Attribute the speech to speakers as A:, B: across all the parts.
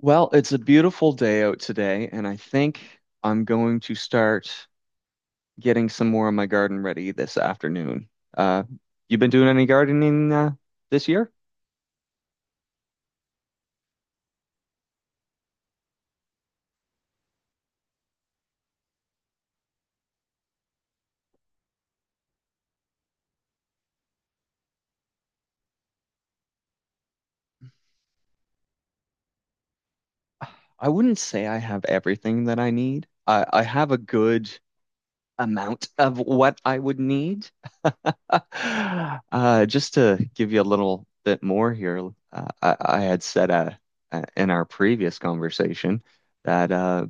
A: Well, it's a beautiful day out today, and I think I'm going to start getting some more of my garden ready this afternoon. Uh, you been doing any gardening this year? I wouldn't say I have everything that I need. I have a good amount of what I would need. Just to give you a little bit more here, I had said in our previous conversation that uh,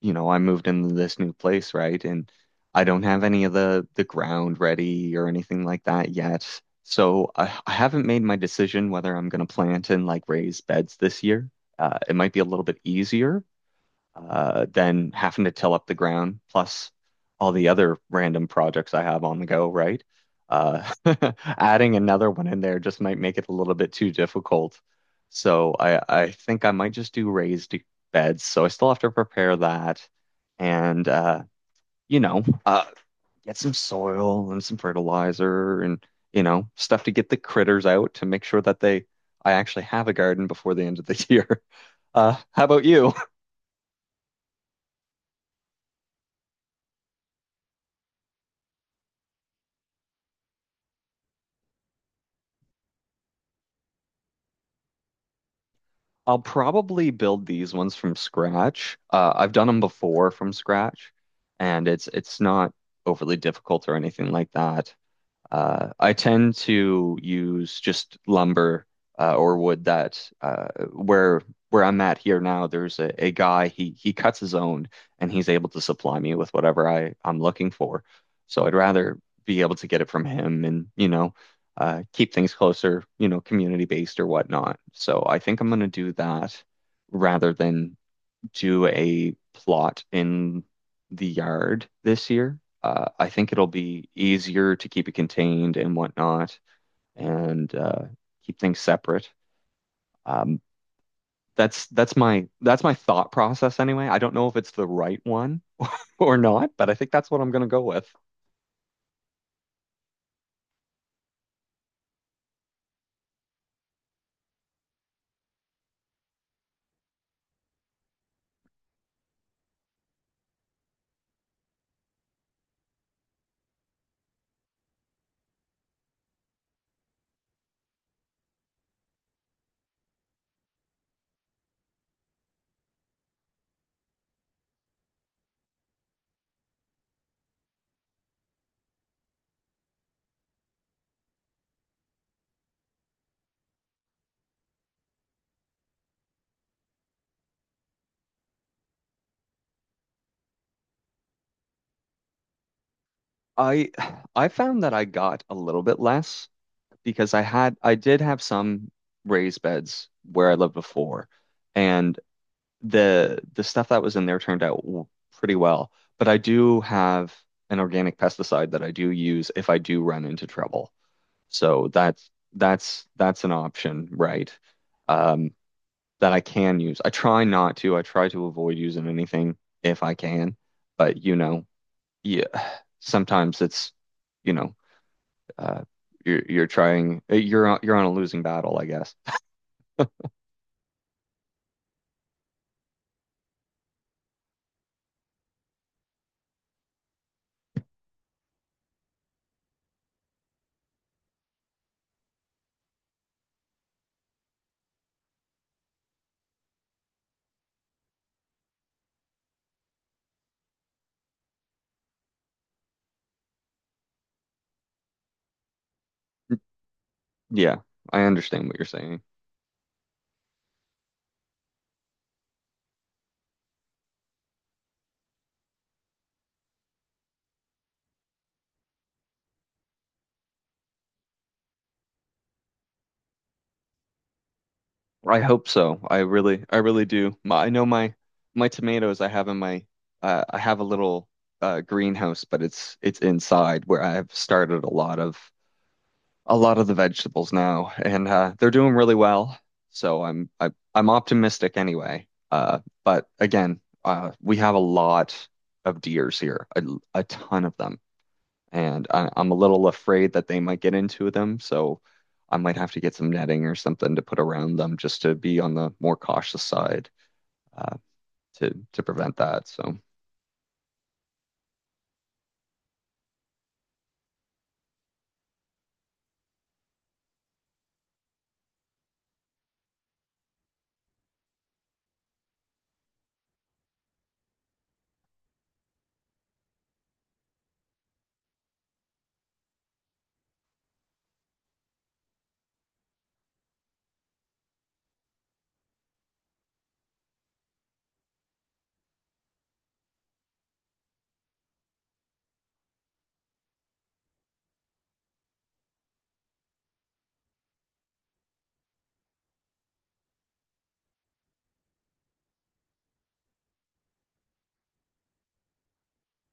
A: you know, I moved into this new place, right? And I don't have any of the ground ready or anything like that yet. So I haven't made my decision whether I'm going to plant and like raise beds this year. It might be a little bit easier than having to till up the ground, plus all the other random projects I have on the go, right? Uh, adding another one in there just might make it a little bit too difficult. So I think I might just do raised beds. So I still have to prepare that and, you know, uh, get some soil and some fertilizer and, stuff to get the critters out to make sure that they, I actually have a garden before the end of the year. How about you? I'll probably build these ones from scratch. I've done them before from scratch, and it's not overly difficult or anything like that. I tend to use just lumber or wood that where I'm at here now, there's a guy he cuts his own and he's able to supply me with whatever I'm looking for. So I'd rather be able to get it from him and keep things closer, you know, community based or whatnot. So I think I'm gonna do that rather than do a plot in the yard this year. I think it'll be easier to keep it contained and whatnot, and keep things separate. Um, that's my thought process anyway. I don't know if it's the right one or not, but I think that's what I'm gonna go with. I I found that I got a little bit less because I did have some raised beds where I lived before, and the stuff that was in there turned out pretty well. But I do have an organic pesticide that I do use if I do run into trouble. So that's an option, right? Um, that I can use. I try not to. I try to avoid using anything if I can. But you know, yeah, sometimes it's you know, uh, you're on a losing battle, I guess. Yeah, I understand what you're saying. I hope so. I really do. My, I know my tomatoes I have in my I have a little greenhouse, but it's inside where I have started a lot of the vegetables now, and they're doing really well. So I'm optimistic anyway. But again, we have a lot of deers here, a ton of them and I'm a little afraid that they might get into them, so I might have to get some netting or something to put around them just to be on the more cautious side uh, to prevent that. So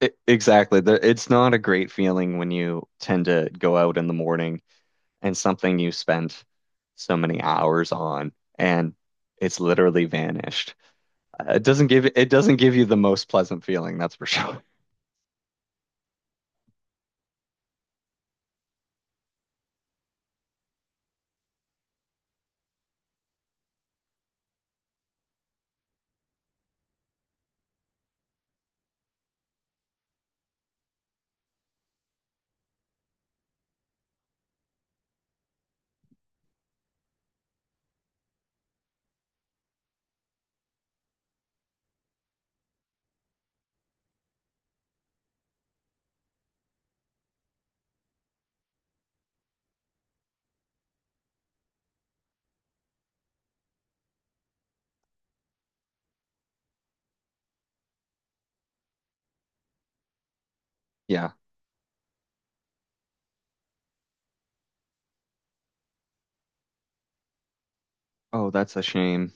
A: I exactly, there, it's not a great feeling when you tend to go out in the morning and something you spent so many hours on and it's literally vanished. It doesn't give you the most pleasant feeling, that's for sure. Yeah. Oh, that's a shame.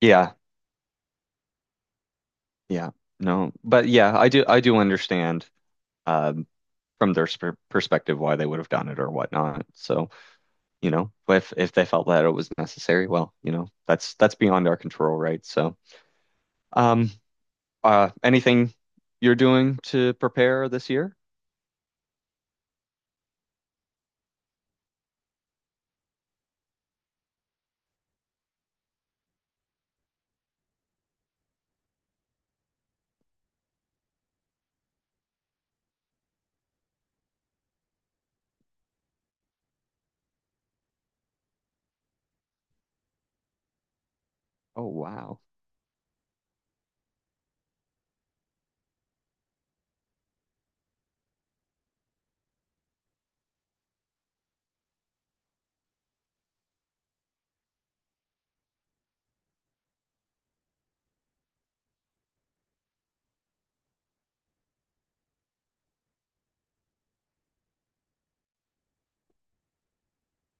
A: Yeah. Yeah, no, but yeah, I do understand um, from their sp perspective why they would have done it or whatnot. So, you know, if they felt that it was necessary, well, you know, that's beyond our control, right? So, um, anything you're doing to prepare this year? Oh, wow.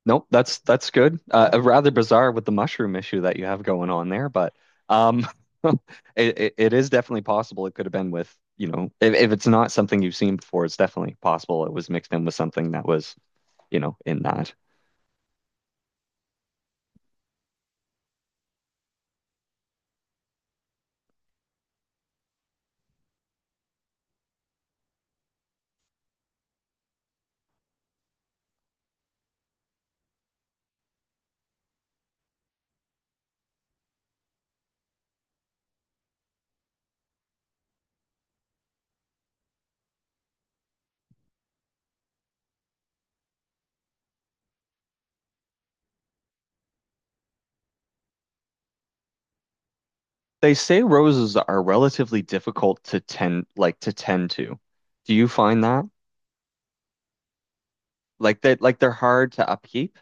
A: Nope, that's good. Rather bizarre with the mushroom issue that you have going on there, but um, it is definitely possible. It could have been with, you know, if it's not something you've seen before, it's definitely possible it was mixed in with something that was, you know, in that. They say roses are relatively difficult to tend to. Do you find that? Like that like they're hard to upkeep?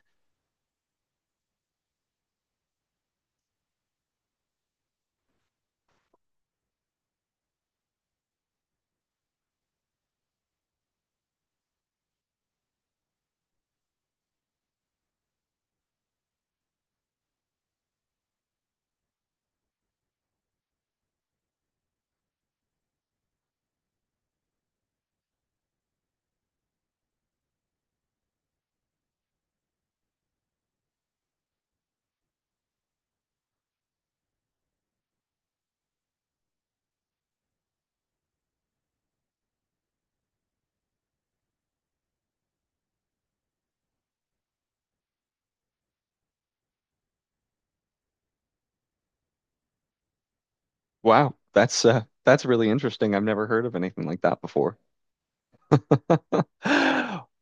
A: Wow, that's really interesting. I've never heard of anything like that before.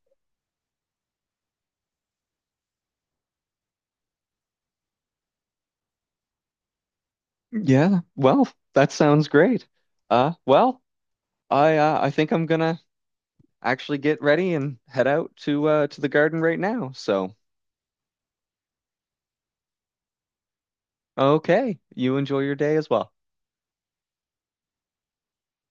A: Yeah, well, that sounds great. Well, I think I'm gonna actually get ready and head out to the garden right now. So, okay, you enjoy your day as well.